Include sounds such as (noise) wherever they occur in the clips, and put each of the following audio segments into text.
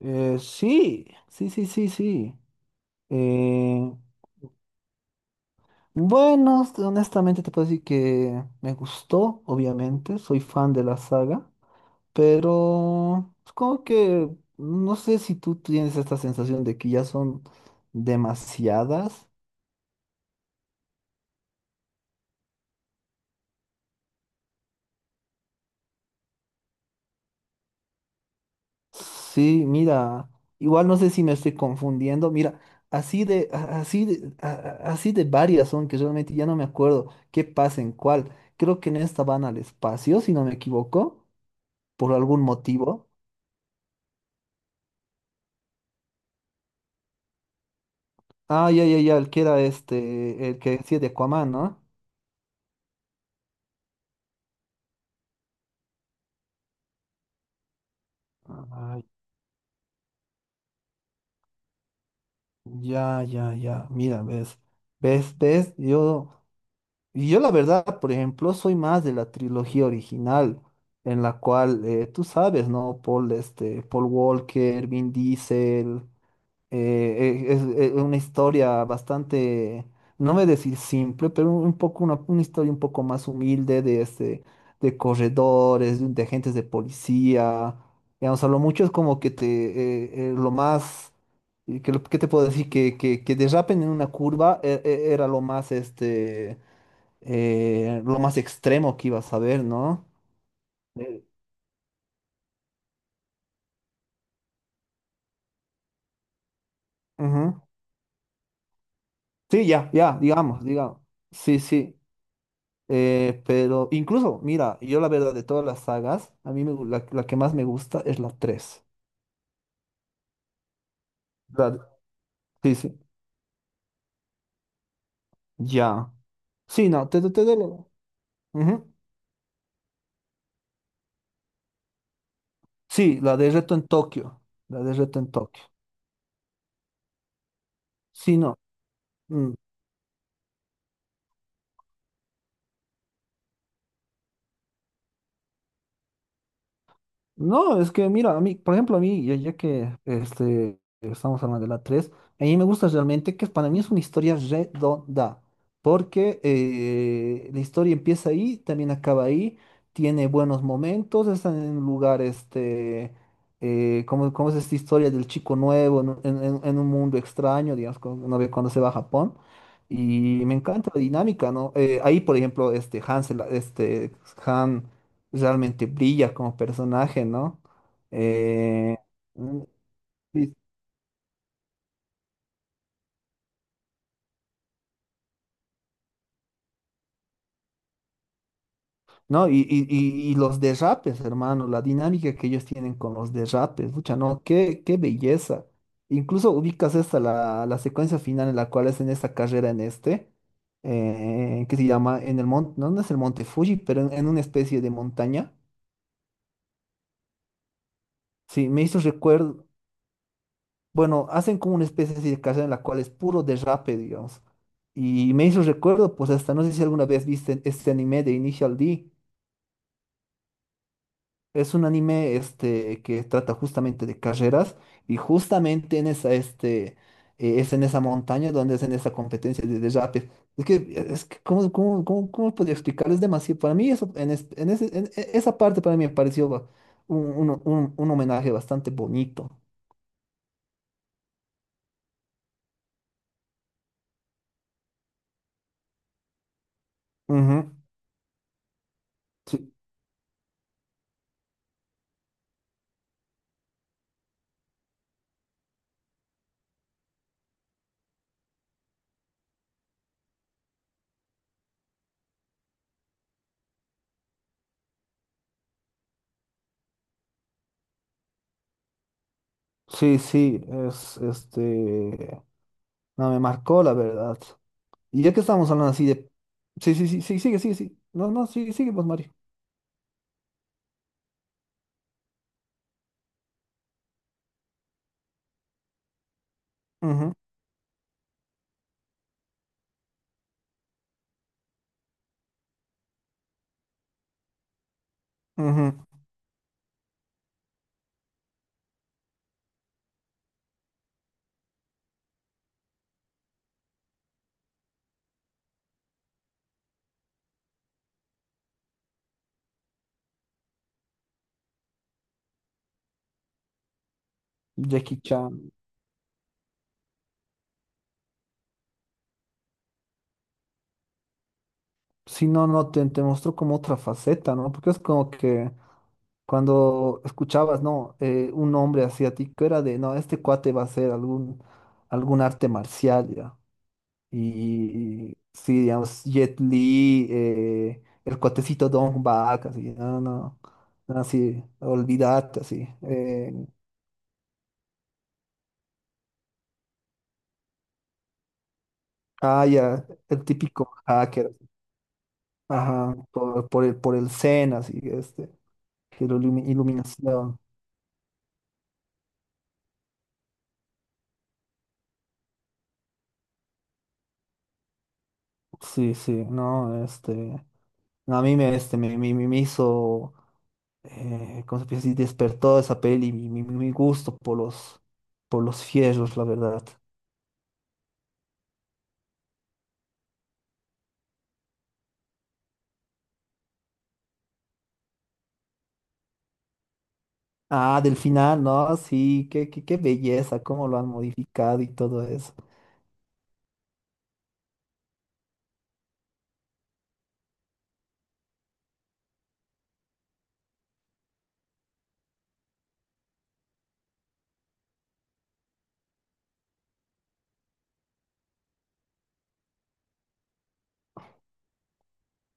Sí. Eh, bueno, honestamente te puedo decir que me gustó, obviamente, soy fan de la saga, pero es como que no sé si tú tienes esta sensación de que ya son demasiadas. Sí, mira, igual no sé si me estoy confundiendo, mira, así de varias son que realmente ya no me acuerdo qué pasa en cuál. Creo que en esta van al espacio, si no me equivoco, por algún motivo. Ah, ya, ya, ya, el que era el que decía de Aquaman, ¿no? Ay, ya, ya, ya, mira, ves, yo, y yo la verdad, por ejemplo, soy más de la trilogía original, en la cual, tú sabes, ¿no? Paul, Paul Walker, Vin Diesel. Eh, eh, es, una historia bastante, no me decir simple, pero un poco una historia un poco más humilde de de corredores, de agentes de policía. Digamos, a lo mucho es como que te lo más ¿qué te puedo decir? Que derrapen en una curva era lo más lo más extremo que ibas a ver, ¿no? Eh, ujú. Sí, ya, ya, digamos, digamos. Sí, sí. Pero incluso, mira, yo la verdad de todas las sagas, a mí la que más me gusta es la tres. La- sí, sí, ya. Sí, no, te, te doy la. Ujú. Sí, la de Reto en Tokio. La de Reto en Tokio. Sí, no. Mm. No, es que mira, a mí, por ejemplo, a mí, ya, ya que estamos hablando de la tres, a mí me gusta realmente que para mí es una historia redonda, porque la historia empieza ahí, también acaba ahí, tiene buenos momentos, está en un lugar, como, como es esta historia del chico nuevo en, en un mundo extraño, digamos, cuando uno ve cuando se va a Japón, y me encanta la dinámica, ¿no? Ahí, por ejemplo, Hansel, Han realmente brilla como personaje, ¿no? Eh, mm, y- ¿No? Y, y los derrapes, hermano, la dinámica que ellos tienen con los derrapes, pucha, no, qué, qué belleza. Incluso ubicas esta, la secuencia final en la cual es en esta carrera en que se llama en el monte, no, no es el monte Fuji, pero en una especie de montaña. Sí, me hizo recuerdo. Bueno, hacen como una especie así de carrera en la cual es puro derrape, digamos. Y me hizo recuerdo, pues hasta no sé si alguna vez viste este anime de Initial D. Es un anime que trata justamente de carreras y justamente en esa, es en esa montaña donde hacen esa competencia de derrape. Es que ¿cómo podría explicar? Es demasiado. Para mí eso, en, es- en ese- en e- esa parte para mí me pareció un, un homenaje bastante bonito. Ujú. Sí. Sí, sí, es No, me marcó la verdad. Y ya que estamos hablando así de. Sí, sí, sí, sí, sigue, sigue, sí. No, no, sí, sigue, pues, Mario. Ujú, ujú. Jackie Chan. Si no, no, te mostró como otra faceta, ¿no? Porque es como que cuando escuchabas, ¿no? Un hombre asiático era de, no, este cuate va a hacer algún arte marcial, ya. Y sí, digamos, Jet Li, el cuatecito Don Bak, así, no, no, no, así, olvidate así. Ah, ya, el típico hacker, ajá, por el Zen, así, que la iluminación. Sí, sí, no, no, a mí me, me hizo, ¿cómo se puede decir? Despertó esa peli, mi gusto por los fierros, la verdad. Ah, del final, ¿no? Sí, qué, qué, qué belleza, cómo lo han modificado y todo eso.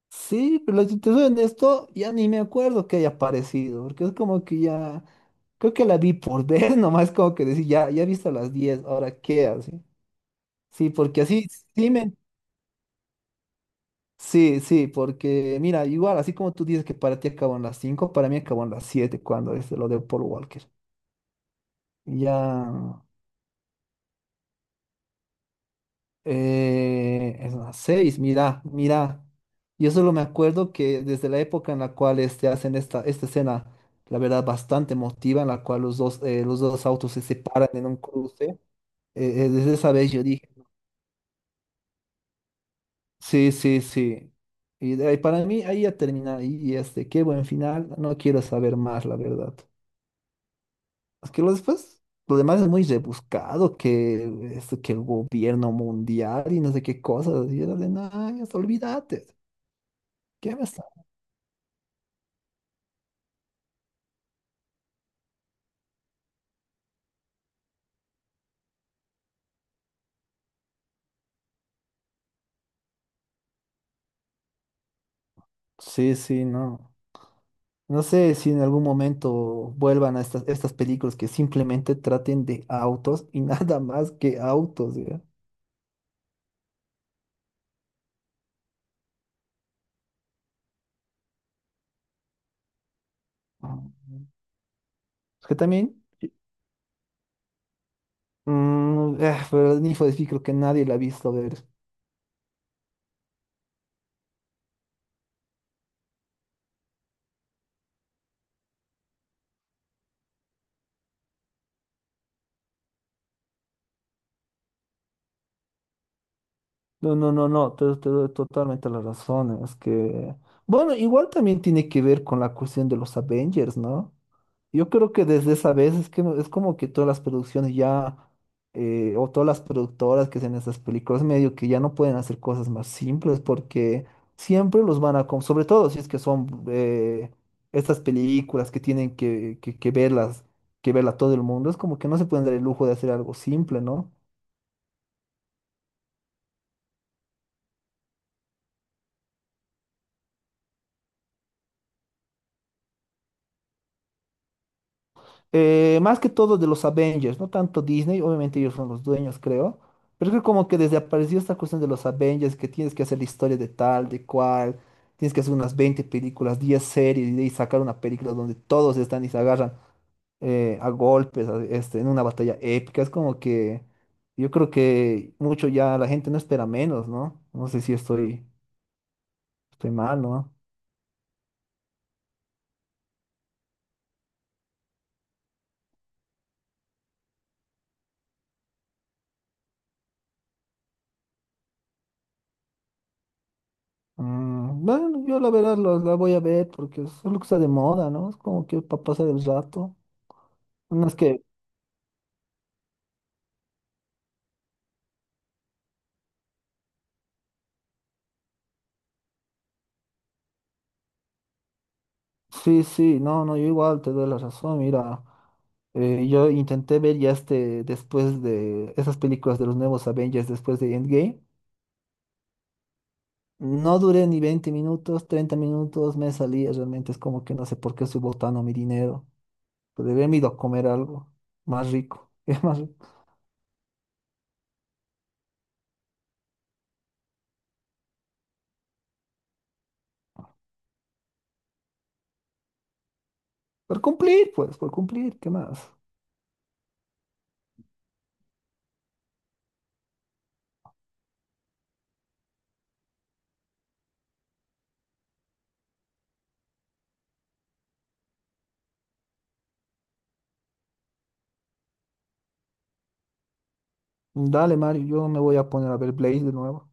Sí, pero si te soy honesto, ya ni me acuerdo que haya aparecido, porque es como que ya, creo que la vi por ver, (laughs) nomás como que decir, ya, ya he visto las 10, ahora qué, así. Sí, porque así, sí, me- sí, sí, porque mira, igual, así como tú dices que para ti acabó en las 5, para mí acabó en las 7 cuando es lo de Paul Walker. Ya. Es las 6, mira, mira. Yo solo me acuerdo que desde la época en la cual hacen esta escena, la verdad, bastante emotiva, en la cual los dos autos se separan en un cruce, desde esa vez yo dije, sí, sí, sí. Y de ahí, para mí ahí ya termina, qué buen final, no quiero saber más, la verdad. Es que lo después, lo demás es muy rebuscado, que, esto, que el gobierno mundial y no sé qué cosas, y era de, nada, olvídate. ¿Qué me estás? Sí, sí, no. No sé si en algún momento vuelvan a estas, estas películas que simplemente traten de autos y (laughs) nada más que autos, ya. Ah. Es que también, mm, pero Need for Speed creo que nadie la ha visto ver. No, no, no, no, te doy totalmente la razón. Es que, bueno, igual también tiene que ver con la cuestión de los Avengers, ¿no? Yo creo que desde esa vez es que es como que todas las producciones ya, o todas las productoras que hacen estas películas, medio que ya no pueden hacer cosas más simples porque siempre los van a, sobre todo si es que son estas películas que tienen que, que verlas, que verla todo el mundo, es como que no se pueden dar el lujo de hacer algo simple, ¿no? Más que todo de los Avengers, no tanto Disney, obviamente ellos son los dueños, creo. Pero creo como que desde apareció esta cuestión de los Avengers, que tienes que hacer la historia de tal, de cual, tienes que hacer unas 20 películas, 10 series y de ahí sacar una película donde todos están y se agarran a golpes en una batalla épica. Es como que yo creo que mucho ya la gente no espera menos, ¿no? No sé si estoy, estoy mal, ¿no? Mm, bueno, yo la verdad la voy a ver porque es lo que está de moda, ¿no? Es como que para pasar el rato. No, es que, sí, sí, no, no, yo igual te doy la razón, mira, yo intenté ver ya después de esas películas de los nuevos Avengers, después de Endgame, no duré ni 20 minutos, 30 minutos, me salía, realmente es como que no sé por qué estoy botando mi dinero, pues, debería haberme ido a comer algo más rico, (laughs) es más rico. Por cumplir, pues, por cumplir, ¿qué más? Dale, Mario, yo me voy a poner a ver Blaze de nuevo.